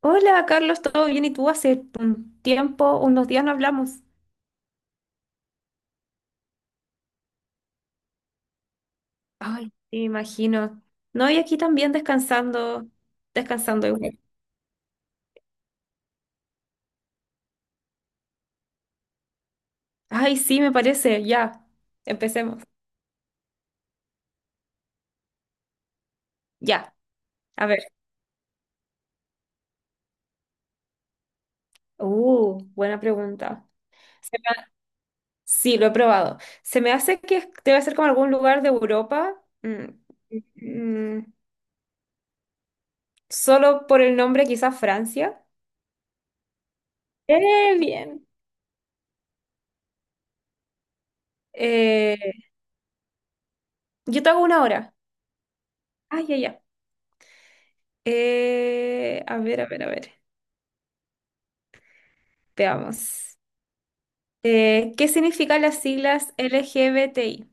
Hola, Carlos, ¿todo bien? ¿Y tú? Hace un tiempo, unos días no hablamos. Ay, me imagino. No, y aquí también descansando, igual. Ay, sí, me parece. Ya, empecemos. Ya, a ver. Buena pregunta. Se me- Sí, lo he probado. Se me hace que es- Debe ser como algún lugar de Europa. Mm, mm, Solo por el nombre, quizás Francia. Bien. Eh, yo te hago una hora. Ay, ya, ya. A ver, a ver, a ver. Veamos. ¿Qué significan las siglas LGBTI?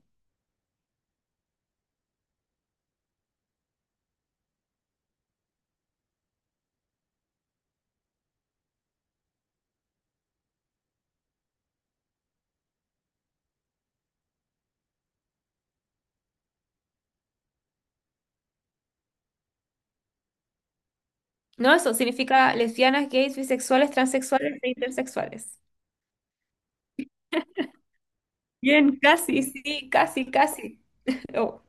No, eso significa lesbianas, gays, bisexuales, transexuales e intersexuales. Bien, casi, sí, casi, casi. Oh,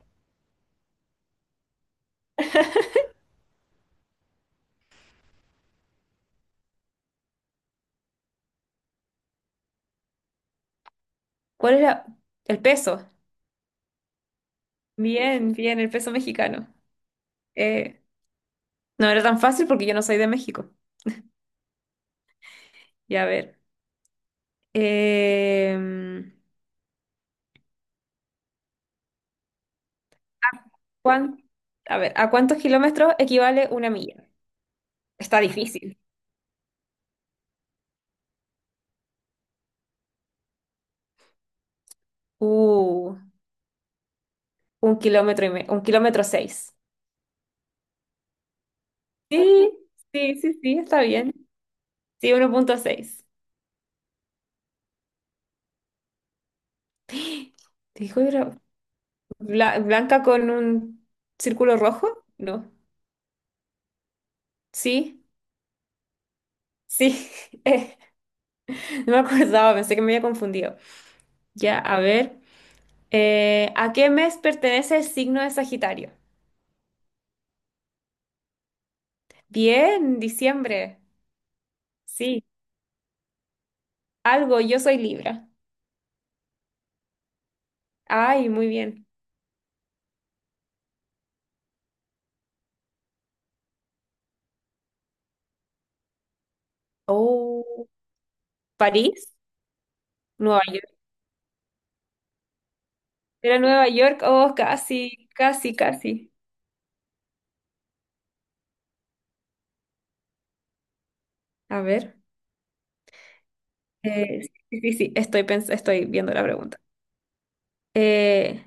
¿cuál era el peso? Bien, bien, el peso mexicano. Eh, no era tan fácil porque yo no soy de México. Ya, a ver. Em, ¿cuán- a ver, ¿a cuántos kilómetros equivale una milla? Está difícil. Uh. Un kilómetro seis. Sí, sí, sí, sí, está bien. Sí, 1.6. Dijo, era blanca con un círculo rojo. No. Sí, sí. Eh, no me acordaba, pensé que me había confundido. Ya, a ver. ¿A qué mes pertenece el signo de Sagitario? Bien, diciembre. Sí, algo, yo soy Libra. Ay, muy bien. Oh, París, Nueva York. Era Nueva York, oh, casi, casi, casi. A ver. Eh, sí, sí, sí, estoy viendo la pregunta. Eh,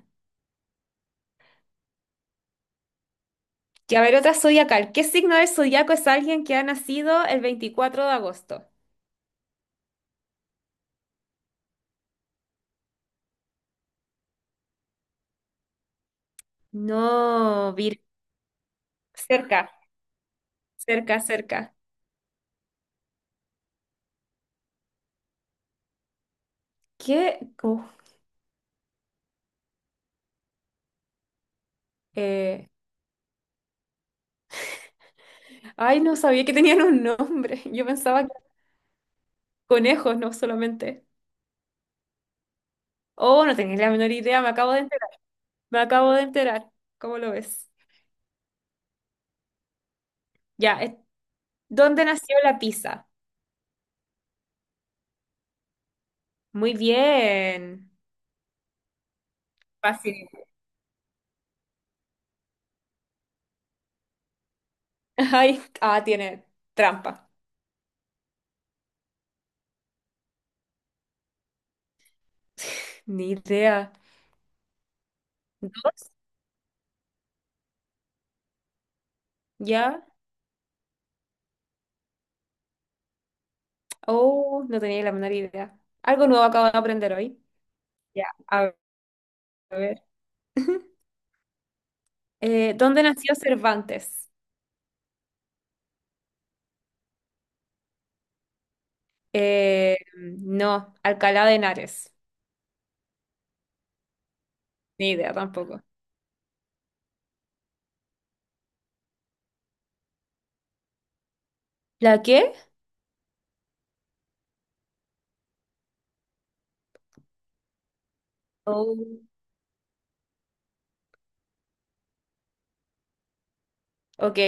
que a ver, otra zodiacal. ¿Qué signo del zodiaco es alguien que ha nacido el veinticuatro de agosto? No, Vir. Cerca, cerca, cerca. ¿Qué? Uf, eh, ay, no sabía que tenían un nombre. Yo pensaba que eran conejos, no solamente. Oh, no tenía la menor idea, me acabo de enterar. Me acabo de enterar. ¿Cómo lo ves? Ya, ¿dónde nació la pizza? Muy bien. Fácil. Ay, ah, tiene trampa. Ni idea. No, ¿ya? Oh, no tenía la menor idea. Algo nuevo acabo de aprender hoy. Ya, a ver. ¿Dónde nació Cervantes? No, Alcalá de Henares. Ni idea tampoco. ¿La qué? Oh, ok,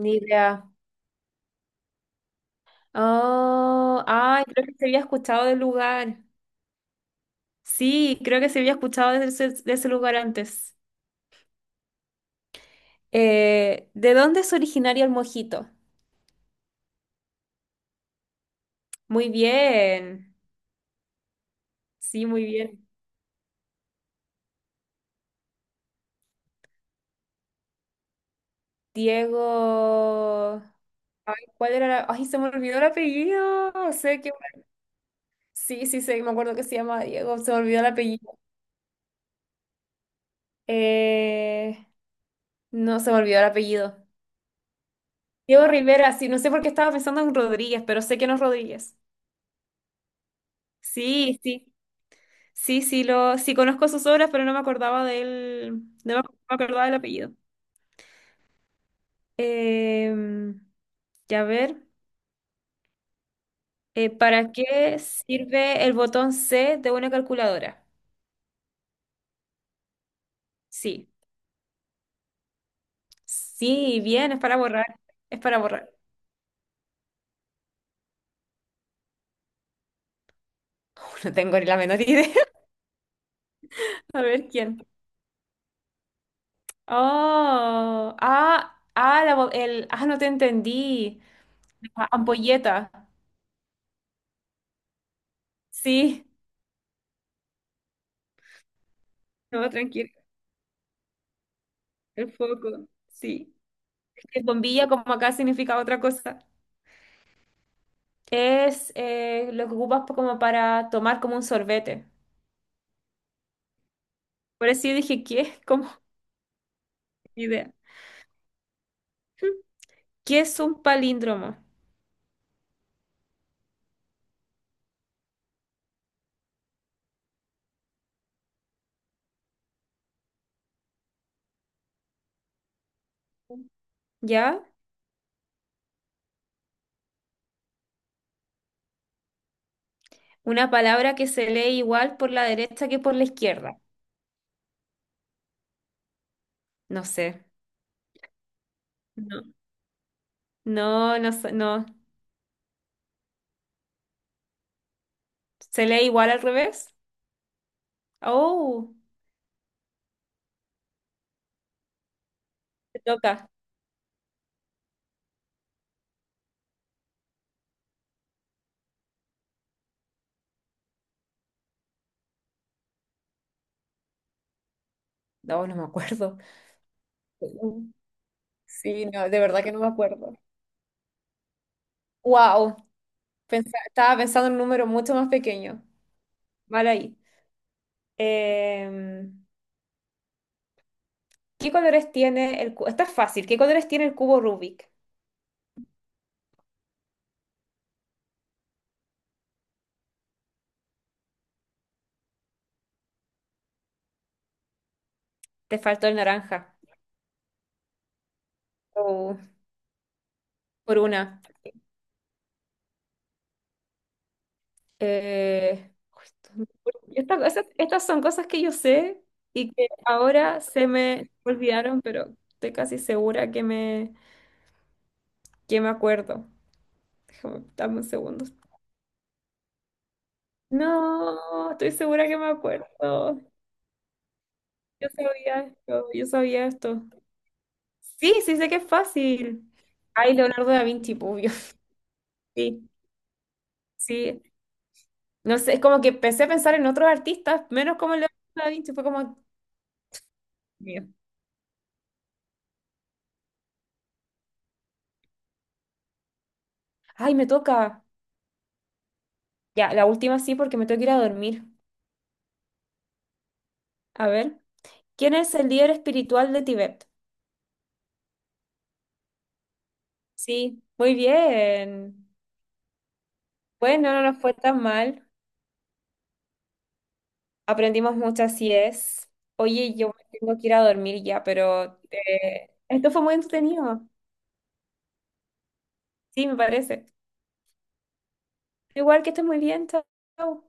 ni idea. Oh, ay, creo que se había escuchado del lugar. Sí, creo que se había escuchado de ese lugar antes. ¿De dónde es originario el mojito? Muy bien. Sí, muy bien. Diego. ¿Cuál era la... Ay, se me olvidó el apellido. Sé que... Sí, sí, sé, me acuerdo que se llama Diego. Se me olvidó el apellido. Eh, No, se me olvidó el apellido. Diego Rivera, sí, no sé por qué estaba pensando en Rodríguez, pero sé que no es Rodríguez. Sí, sí. Sí, sí, lo... sí conozco sus obras, pero no me acordaba del... No me acordaba del apellido. Em, Ya ver. ¿Para qué sirve el botón C de una calculadora? Sí, sí, bien, es para borrar. Es para borrar. No tengo ni la menor idea. A ver quién. Oh, ah, ah, no te entendí. La ampolleta. Sí, no, tranquilo. El foco, sí. El bombilla, como acá, significa otra cosa. Es lo que ocupas como para tomar como un sorbete. Por eso yo dije, ¿qué? Como idea. ¿Qué es un palíndromo? ¿Ya? Una palabra que se lee igual por la derecha que por la izquierda. No sé. No. No, no, sé, no. ¿Se lee igual al revés? Oh, te toca. No, no me acuerdo. Sí, no, de verdad que no me acuerdo. Wow, estaba pensando en un número mucho más pequeño. Mal ahí. Eh, ¿Qué colores tiene el cubo? Está fácil. ¿Qué colores tiene el cubo Rubik? Te faltó el naranja. Oh, por una. Justo, estas son cosas que yo sé y que ahora se me olvidaron, pero estoy casi segura que me acuerdo. Déjame, dame un segundo. No, estoy segura que me acuerdo. Yo sabía esto, yo sabía esto. Sí, sí sé que es fácil. Ay, Leonardo da Vinci, pues, obvio. Sí, sí. No sé, es como que empecé a pensar en otros artistas, menos como Leonardo da Vinci, fue como... Mío. Ay, me toca. Ya, la última sí, porque me tengo que ir a dormir. A ver, ¿quién es el líder espiritual de Tibet? Sí, muy bien. Bueno, no nos fue tan mal. Aprendimos mucho, así es. Oye, yo me tengo que ir a dormir ya, pero esto fue muy entretenido. Sí, me parece. Igual que estés muy bien, chao. Chao.